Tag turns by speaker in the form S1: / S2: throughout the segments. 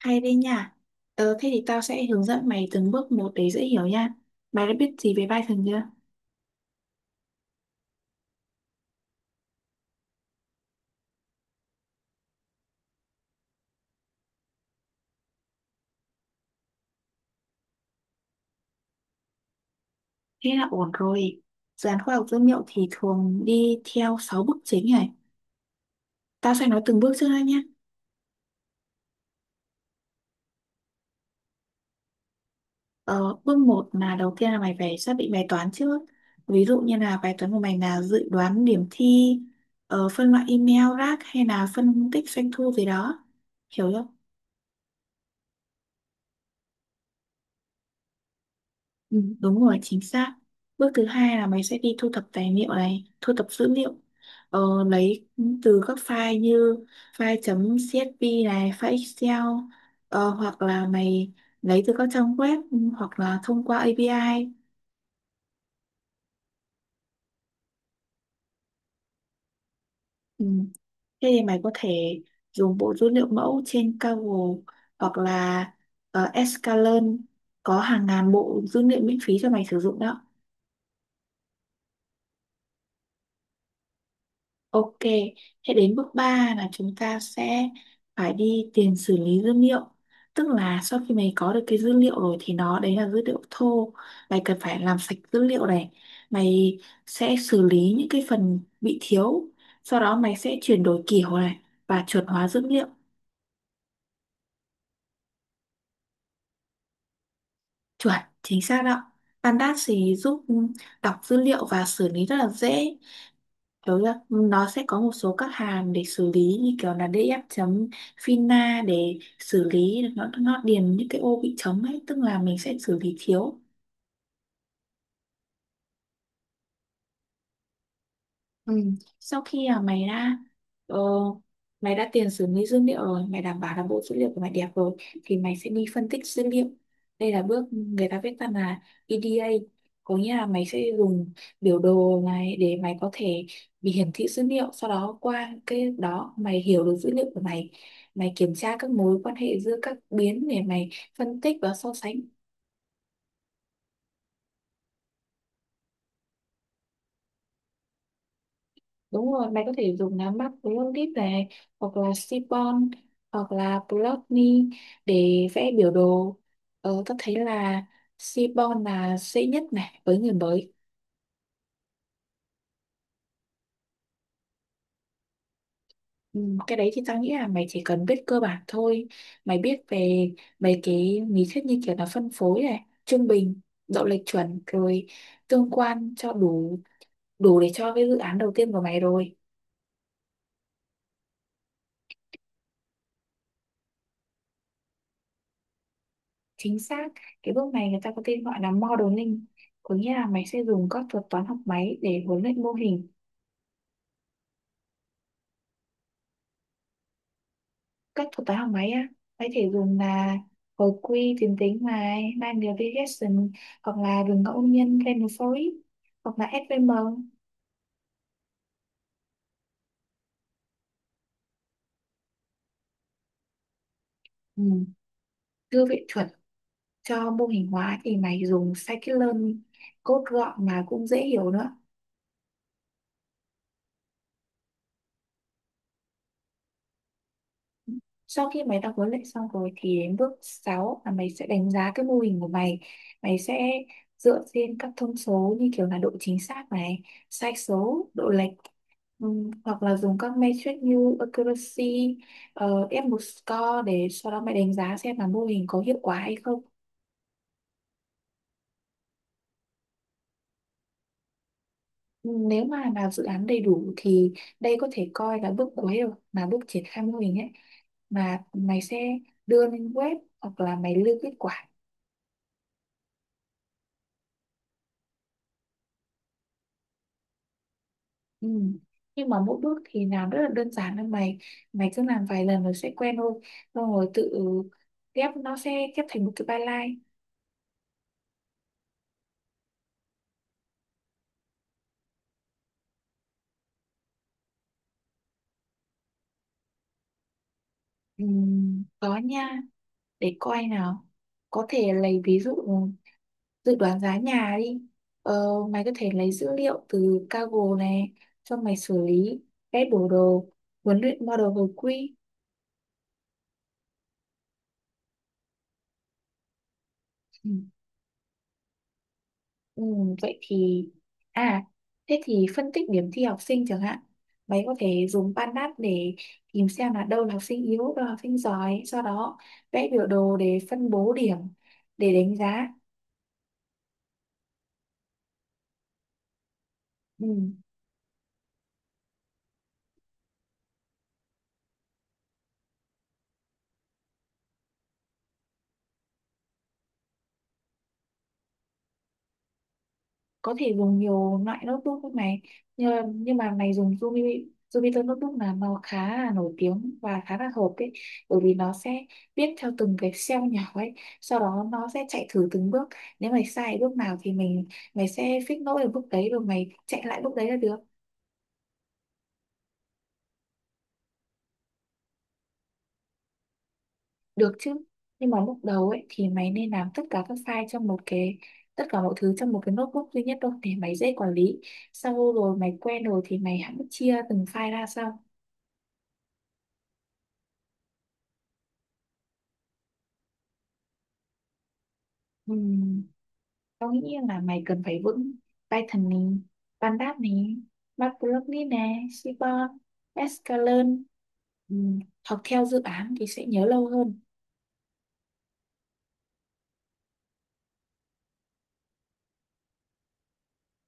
S1: Hay đấy nha. Thế thì tao sẽ hướng dẫn mày từng bước một để dễ hiểu nha. Mày đã biết gì về Python chưa? Thế là ổn rồi. Dự án khoa học dữ liệu thì thường đi theo 6 bước chính này. Tao sẽ nói từng bước trước đây nhé. Ờ, bước một là đầu tiên là mày phải xác định bài toán trước. Ví dụ như là bài toán của mày là dự đoán điểm thi, phân loại email, rác hay là phân tích doanh thu gì đó. Hiểu chưa? Ừ, đúng rồi, chính xác. Bước thứ hai là mày sẽ đi thu thập tài liệu này, thu thập dữ liệu. Ờ, lấy từ các file như file .csv này, file Excel, hoặc là mày lấy từ các trang web hoặc là thông qua API. Ừ. Thế thì mày có thể dùng bộ dữ liệu mẫu trên Kaggle hoặc là Escalern có hàng ngàn bộ dữ liệu miễn phí cho mày sử dụng đó. Ok, thế đến bước 3 là chúng ta sẽ phải đi tiền xử lý dữ liệu. Tức là sau khi mày có được cái dữ liệu rồi thì nó đấy là dữ liệu thô. Mày cần phải làm sạch dữ liệu này. Mày sẽ xử lý những cái phần bị thiếu. Sau đó mày sẽ chuyển đổi kiểu này và chuẩn hóa dữ liệu. Chuẩn, chính xác đó. Pandas thì giúp đọc dữ liệu và xử lý rất là dễ. Kiểu là nó sẽ có một số các hàm để xử lý như kiểu là df chấm fina để xử lý nó điền những cái ô bị trống ấy, tức là mình sẽ xử lý thiếu. Ừ. Sau khi ờ, mày đã tiền xử lý dữ liệu rồi, mày đảm bảo là bộ dữ liệu của mày đẹp rồi thì mày sẽ đi phân tích dữ liệu. Đây là bước người ta viết tắt là EDA, có nghĩa là mày sẽ dùng biểu đồ này để mày có thể bị hiển thị dữ liệu, sau đó qua cái đó mày hiểu được dữ liệu của mày, mày kiểm tra các mối quan hệ giữa các biến để mày phân tích và so sánh. Đúng rồi, mày có thể dùng lá mắt Blockdip này hoặc là Seaborn hoặc là plotly để vẽ biểu đồ. Tao thấy là Seaborn là dễ nhất này với người mới. Ừ, cái đấy thì tao nghĩ là mày chỉ cần biết cơ bản thôi. Mày biết về mấy cái lý thuyết như kiểu là phân phối này, trung bình, độ lệch chuẩn rồi tương quan cho đủ đủ để cho cái dự án đầu tiên của mày rồi. Chính xác, cái bước này người ta có tên gọi là modeling, có nghĩa là mày sẽ dùng các thuật toán học máy để huấn luyện mô hình. Các thuật toán học máy á mày có thể dùng là hồi quy tuyến tính này linear regression, hoặc là đường ngẫu nhiên random forest, hoặc là SVM. Ừ, đưa viện chuẩn cho mô hình hóa thì mày dùng scikit-learn, code gọn mà cũng dễ hiểu nữa. Sau khi mày đã huấn luyện xong rồi thì đến bước 6 là mày sẽ đánh giá cái mô hình của mày. Mày sẽ dựa trên các thông số như kiểu là độ chính xác này, sai số, độ lệch, hoặc là dùng các metric như accuracy, F1 score để sau đó mày đánh giá xem là mô hình có hiệu quả hay không. Nếu mà làm dự án đầy đủ thì đây có thể coi là bước cuối rồi, là bước triển khai mô hình ấy, mà mày sẽ đưa lên web hoặc là mày lưu kết quả. Ừ. Nhưng mà mỗi bước thì làm rất là đơn giản thôi mày, mày cứ làm vài lần rồi sẽ quen thôi, xong rồi tự ghép, nó sẽ ghép thành một cái byline. Ừ, có nha, để coi nào, có thể lấy ví dụ dự đoán giá nhà đi. ờ, mày có thể lấy dữ liệu từ Kaggle này cho mày xử lý, vẽ biểu đồ, huấn luyện model hồi quy. Ừ. Ừ, vậy thì à thế thì phân tích điểm thi học sinh chẳng hạn, mấy có thể dùng PanDat để tìm xem là đâu là học sinh yếu đâu là học sinh giỏi, sau đó vẽ biểu đồ để phân bố điểm để đánh giá. Ừ. Có thể dùng nhiều loại notebook với này, nhưng mà mày dùng Jupyter notebook là nó khá là nổi tiếng và khá là hợp ấy, bởi vì nó sẽ viết theo từng cái cell nhỏ ấy, sau đó nó sẽ chạy thử từng bước. Nếu mày sai bước nào thì mày sẽ fix lỗi ở bước đấy rồi mày chạy lại bước đấy là được. Được chứ, nhưng mà lúc đầu ấy thì mày nên làm tất cả các file trong một cái, tất cả mọi thứ trong một cái notebook duy nhất thôi để mày dễ quản lý, sau rồi mày quen rồi thì mày hãy chia từng file ra sau. Ừ. Tao nghĩ là mày cần phải vững Python này, Pandas này, Matplotlib này, Seaborn, Scikit-learn. Ừ, học theo dự án thì sẽ nhớ lâu hơn.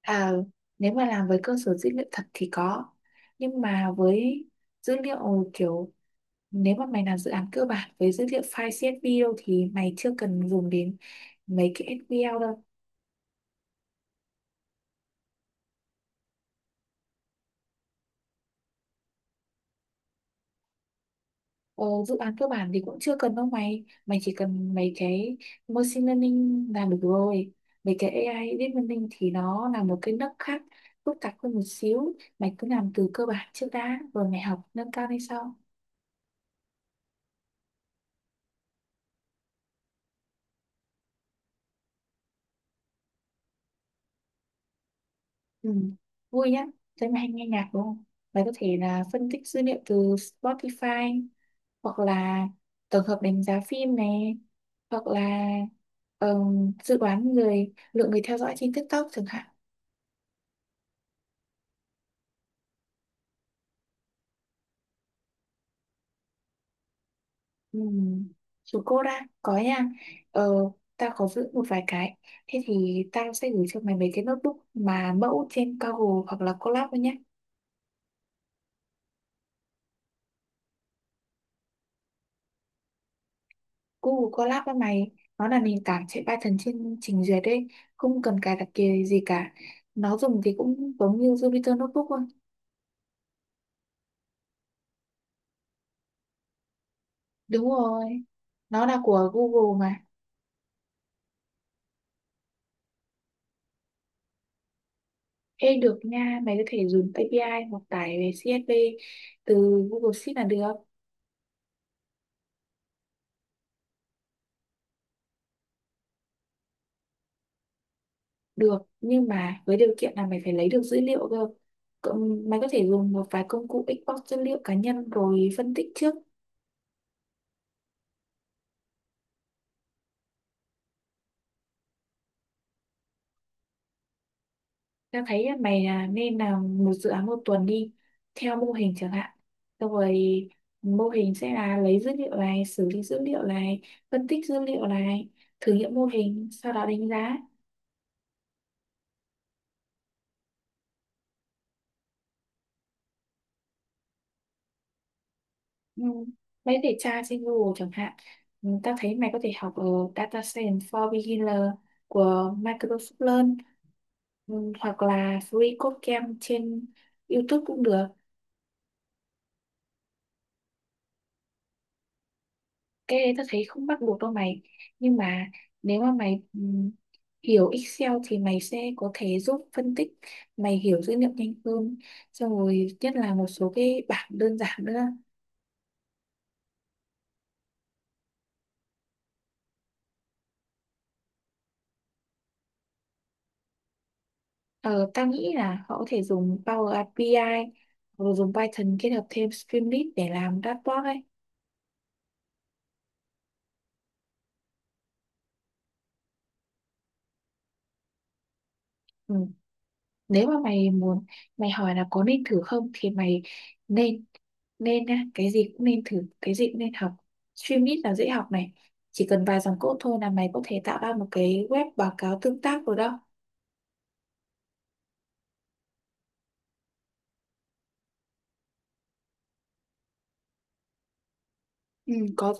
S1: À, nếu mà làm với cơ sở dữ liệu thật thì có. Nhưng mà với dữ liệu kiểu, nếu mà mày làm dự án cơ bản với dữ liệu file CSV đâu thì mày chưa cần dùng đến mấy cái SQL đâu. Ờ, dự án cơ bản thì cũng chưa cần đâu mày mày chỉ cần mấy cái machine learning là được rồi. Mấy cái AI deep learning thì nó là một cái nấc khác, phức tạp hơn một xíu, mày cứ làm từ cơ bản trước đã rồi mày học nâng cao lên sau. Ừ. Vui nhá, thấy mày hay nghe nhạc đúng không, mày có thể là phân tích dữ liệu từ Spotify, hoặc là tổng hợp đánh giá phim này, hoặc là dự đoán người lượng người theo dõi trên TikTok chẳng hạn. Ừ. Chú cô đã có nha, ờ tao có giữ một vài cái, thế thì tao sẽ gửi cho mày mấy cái notebook mà mẫu trên Google hoặc là Colab thôi nhé. Google Colab với mày, nó là nền tảng chạy Python trên trình duyệt đấy, không cần cài đặt kia gì cả. Nó dùng thì cũng giống như Jupyter Notebook thôi, đúng rồi, nó là của Google mà. Ê được nha, mày có thể dùng API hoặc tải về CSV từ Google Sheet là được. Được, nhưng mà với điều kiện là mày phải lấy được dữ liệu cơ. Mày có thể dùng một vài công cụ export dữ liệu cá nhân rồi phân tích trước. Tao thấy là mày là nên làm một dự án một tuần đi, theo mô hình chẳng hạn. Xong rồi mô hình sẽ là lấy dữ liệu này, xử lý dữ liệu này, phân tích dữ liệu này, thử nghiệm mô hình, sau đó đánh giá. Ừ. Mấy để tra trên Google chẳng hạn, ta thấy mày có thể học ở Data Science for Beginner của Microsoft Learn, hoặc là Free Code Camp trên YouTube cũng được. Cái đấy ta thấy không bắt buộc đâu mày, nhưng mà nếu mà mày hiểu Excel thì mày sẽ có thể giúp phân tích, mày hiểu dữ liệu nhanh hơn, xong rồi nhất là một số cái bảng đơn giản nữa. Ờ, ta nghĩ là họ có thể dùng Power API hoặc là dùng Python kết hợp thêm Streamlit để làm dashboard ấy. Ừ. Nếu mà mày muốn, mày hỏi là có nên thử không thì mày nên, nên á, cái gì cũng nên thử, cái gì cũng nên học. Streamlit là dễ học này, chỉ cần vài dòng code thôi là mày có thể tạo ra một cái web báo cáo tương tác rồi đó. Ừ, có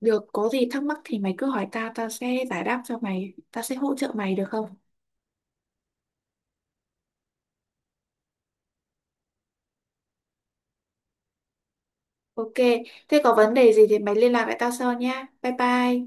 S1: được, có gì thắc mắc thì mày cứ hỏi tao, tao sẽ giải đáp cho mày, tao sẽ hỗ trợ mày được không? Ok, thế có vấn đề gì thì mày liên lạc lại tao sau nhá. Bye bye.